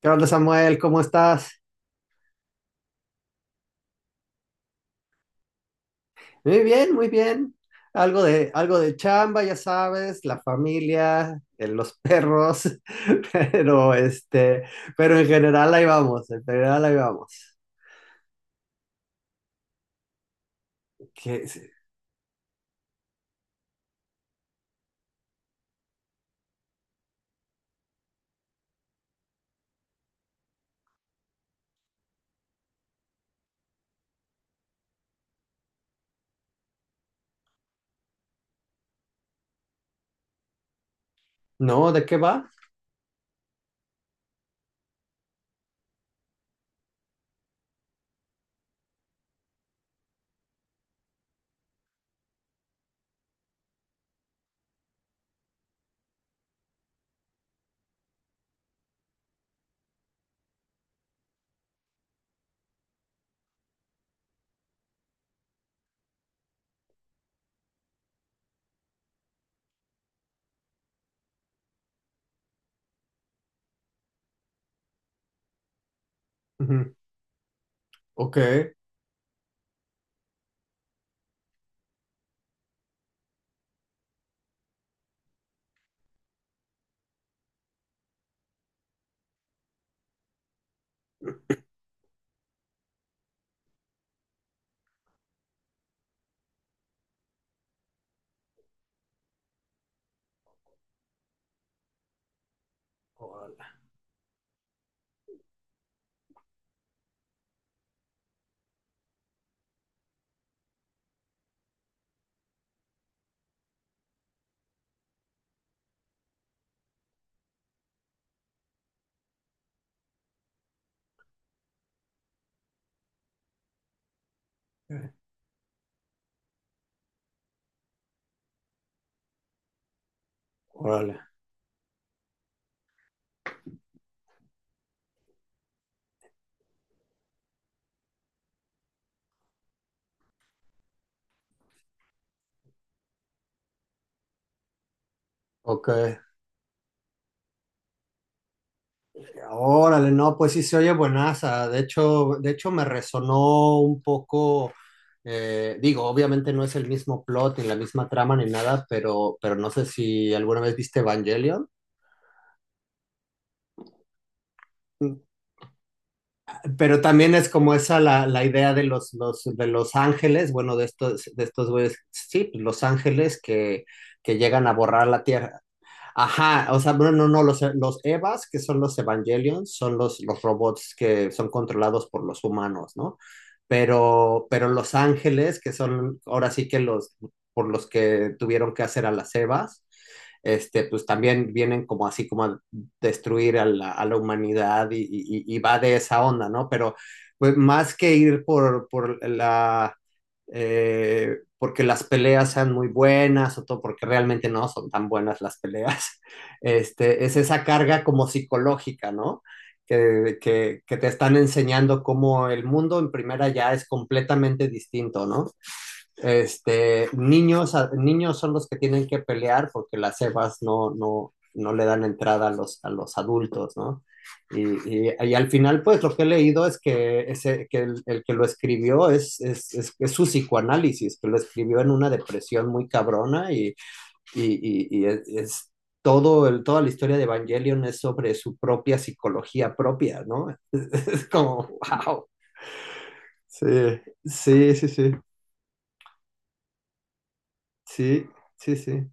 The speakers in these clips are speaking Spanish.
¿Qué onda, Samuel? ¿Cómo estás? Muy bien, muy bien. Algo de chamba, ya sabes, la familia, los perros, pero este, pero en general ahí vamos, en general ahí vamos. ¿Qué es? ¿No? ¿De qué va? Ujú. Ok. Órale. Órale. Ok. Órale, no, pues sí se oye buenaza. De hecho me resonó un poco, digo, obviamente no es el mismo plot ni la misma trama ni nada, pero no sé si alguna vez viste Evangelion. Pero también es como esa la idea de de los ángeles, bueno, de estos güeyes, sí, los ángeles que llegan a borrar la tierra. Ajá, o sea, bueno, no, no, los Evas, que son los Evangelions, son los robots que son controlados por los humanos, ¿no? Pero los ángeles, que son ahora sí que los, por los que tuvieron que hacer a las Evas, este, pues también vienen como así como a destruir a la humanidad y, y va de esa onda, ¿no? Pero pues más que ir por la porque las peleas sean muy buenas o todo, porque realmente no son tan buenas las peleas. Este, es esa carga como psicológica, ¿no? Que te están enseñando cómo el mundo en primera ya es completamente distinto, ¿no? Este, niños, a- niños son los que tienen que pelear porque las cebas no le dan entrada a los adultos, ¿no? Y, y, al final, pues lo que he leído es que, ese, que que lo escribió es, su psicoanálisis, que lo escribió en una depresión muy cabrona y, y es todo toda la historia de Evangelion es sobre su propia psicología propia, ¿no? Es, como, wow. Sí, sí, sí, sí, sí, sí, sí.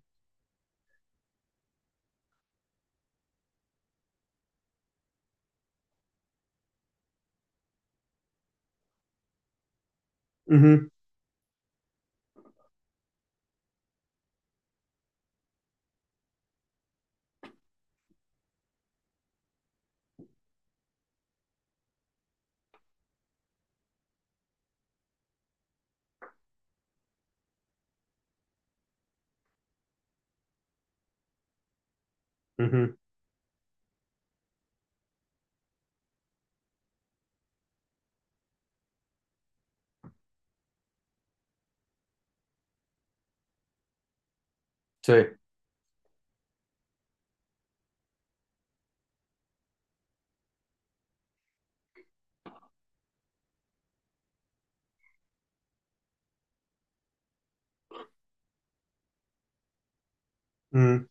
Uh -huh. Ujú. Sí. Mm.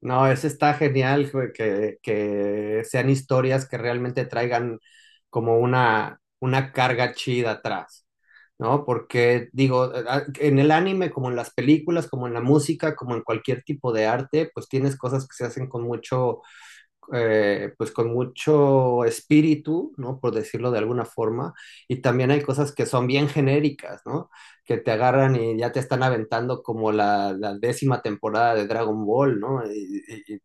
No, ese está genial, güey, que sean historias que realmente traigan como una carga chida atrás, ¿no? Porque digo, a- en el anime, como en las películas, como en la música, como en cualquier tipo de arte, pues tienes cosas que se hacen con mucho pues con mucho espíritu, ¿no? Por decirlo de alguna forma, y también hay cosas que son bien genéricas, ¿no? Que te agarran y ya te están aventando como la décima temporada de Dragon Ball, ¿no? Y, y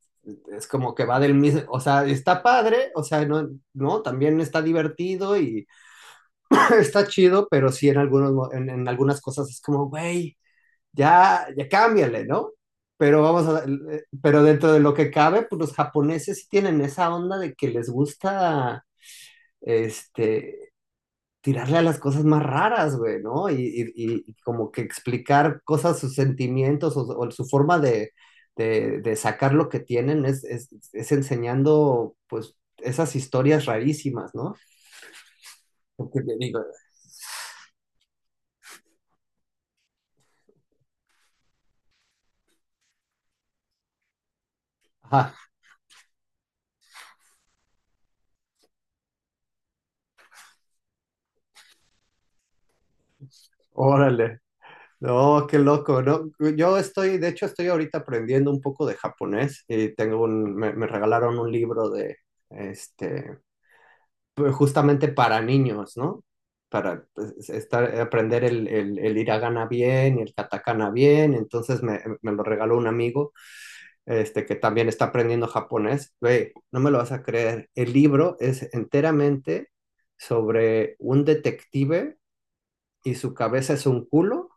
es como que va del mismo, o sea, está padre, o sea, no, no, también está divertido y está chido, pero sí en algunos, mo- en algunas cosas es como, güey ya, ya cámbiale, ¿no? Pero vamos a, pero dentro de lo que cabe, pues los japoneses sí tienen esa onda de que les gusta, este, tirarle a las cosas más raras, güey, ¿no? Y, y como que explicar cosas, sus sentimientos o su forma de, de sacar lo que tienen es, es enseñando, pues, esas historias rarísimas, ¿no? Porque te digo, ajá, órale. No, qué loco, ¿no? Yo estoy, de hecho, estoy ahorita aprendiendo un poco de japonés y tengo un, me regalaron un libro de, este, justamente para niños, ¿no? Para pues, estar, aprender el hiragana bien y el katakana bien. Entonces me lo regaló un amigo, este, que también está aprendiendo japonés. Güey, no me lo vas a creer. El libro es enteramente sobre un detective y su cabeza es un culo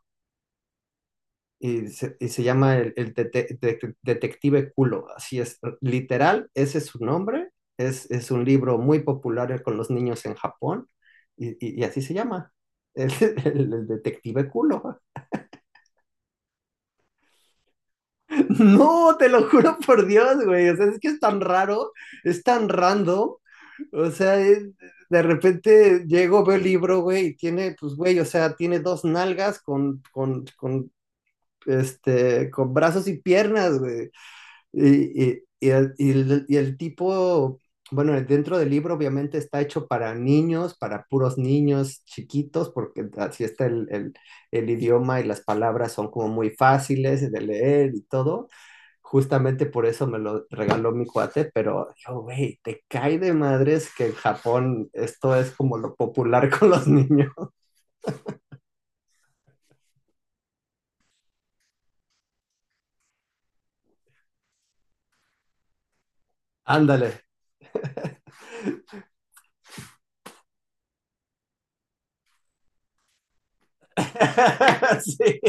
y se llama el Detective Culo, así es, literal, ese es su nombre, es un libro muy popular con los niños en Japón, y, y así se llama, el, el Detective Culo. No, te lo juro por Dios, güey, o sea, es que es tan raro, es tan random, o sea, es- de repente llego, veo el libro, güey, y tiene, pues, güey, o sea, tiene dos nalgas con, este, con brazos y piernas, güey. Y, y el tipo, bueno, dentro del libro obviamente está hecho para niños, para puros niños chiquitos, porque así está el idioma y las palabras son como muy fáciles de leer y todo. Justamente por eso me lo regaló mi cuate, pero yo, güey, te cae de madres que en Japón esto es como lo popular con los niños. Ándale. Sí,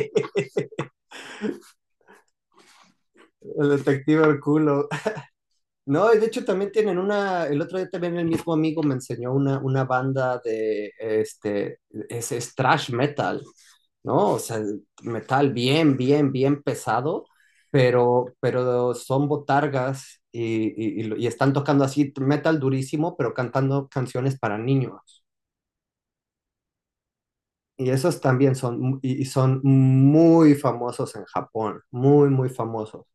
el detective culo. No, y de hecho también tienen una, el otro día también el mismo amigo me enseñó una banda de, este, es thrash metal, ¿no? O sea, metal bien, bien, bien pesado, pero son botargas y están tocando así metal durísimo, pero cantando canciones para niños. Y esos también son, y son muy famosos en Japón, muy, muy famosos.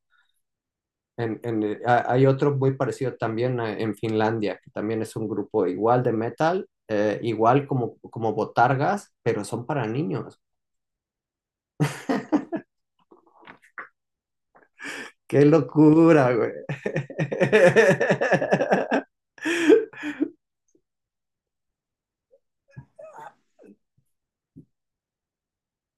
En- hay otro muy parecido también en Finlandia, que también es un grupo igual de metal, igual como, como Botargas, pero son para niños. ¡Qué locura, güey!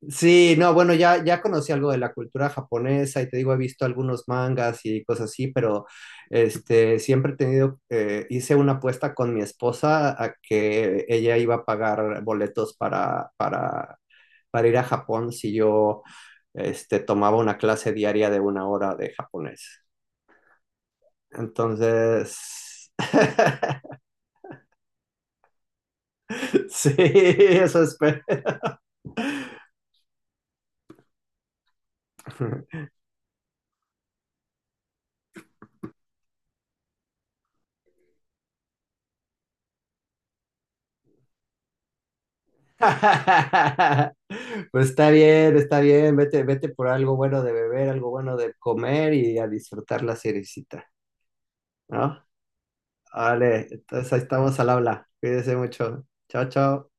Sí, no, bueno, ya, ya conocí algo de la cultura japonesa y te digo, he visto algunos mangas y cosas así, pero este, siempre he tenido, hice una apuesta con mi esposa a que ella iba a pagar boletos para, para ir a Japón si yo este, tomaba una clase diaria de una hora de japonés. Entonces, sí, eso espero. Pues está bien, vete, vete por algo bueno de beber, algo bueno de comer y a disfrutar la seriecita, ¿no? Vale, entonces ahí estamos al habla. Cuídese mucho. Chao, chao.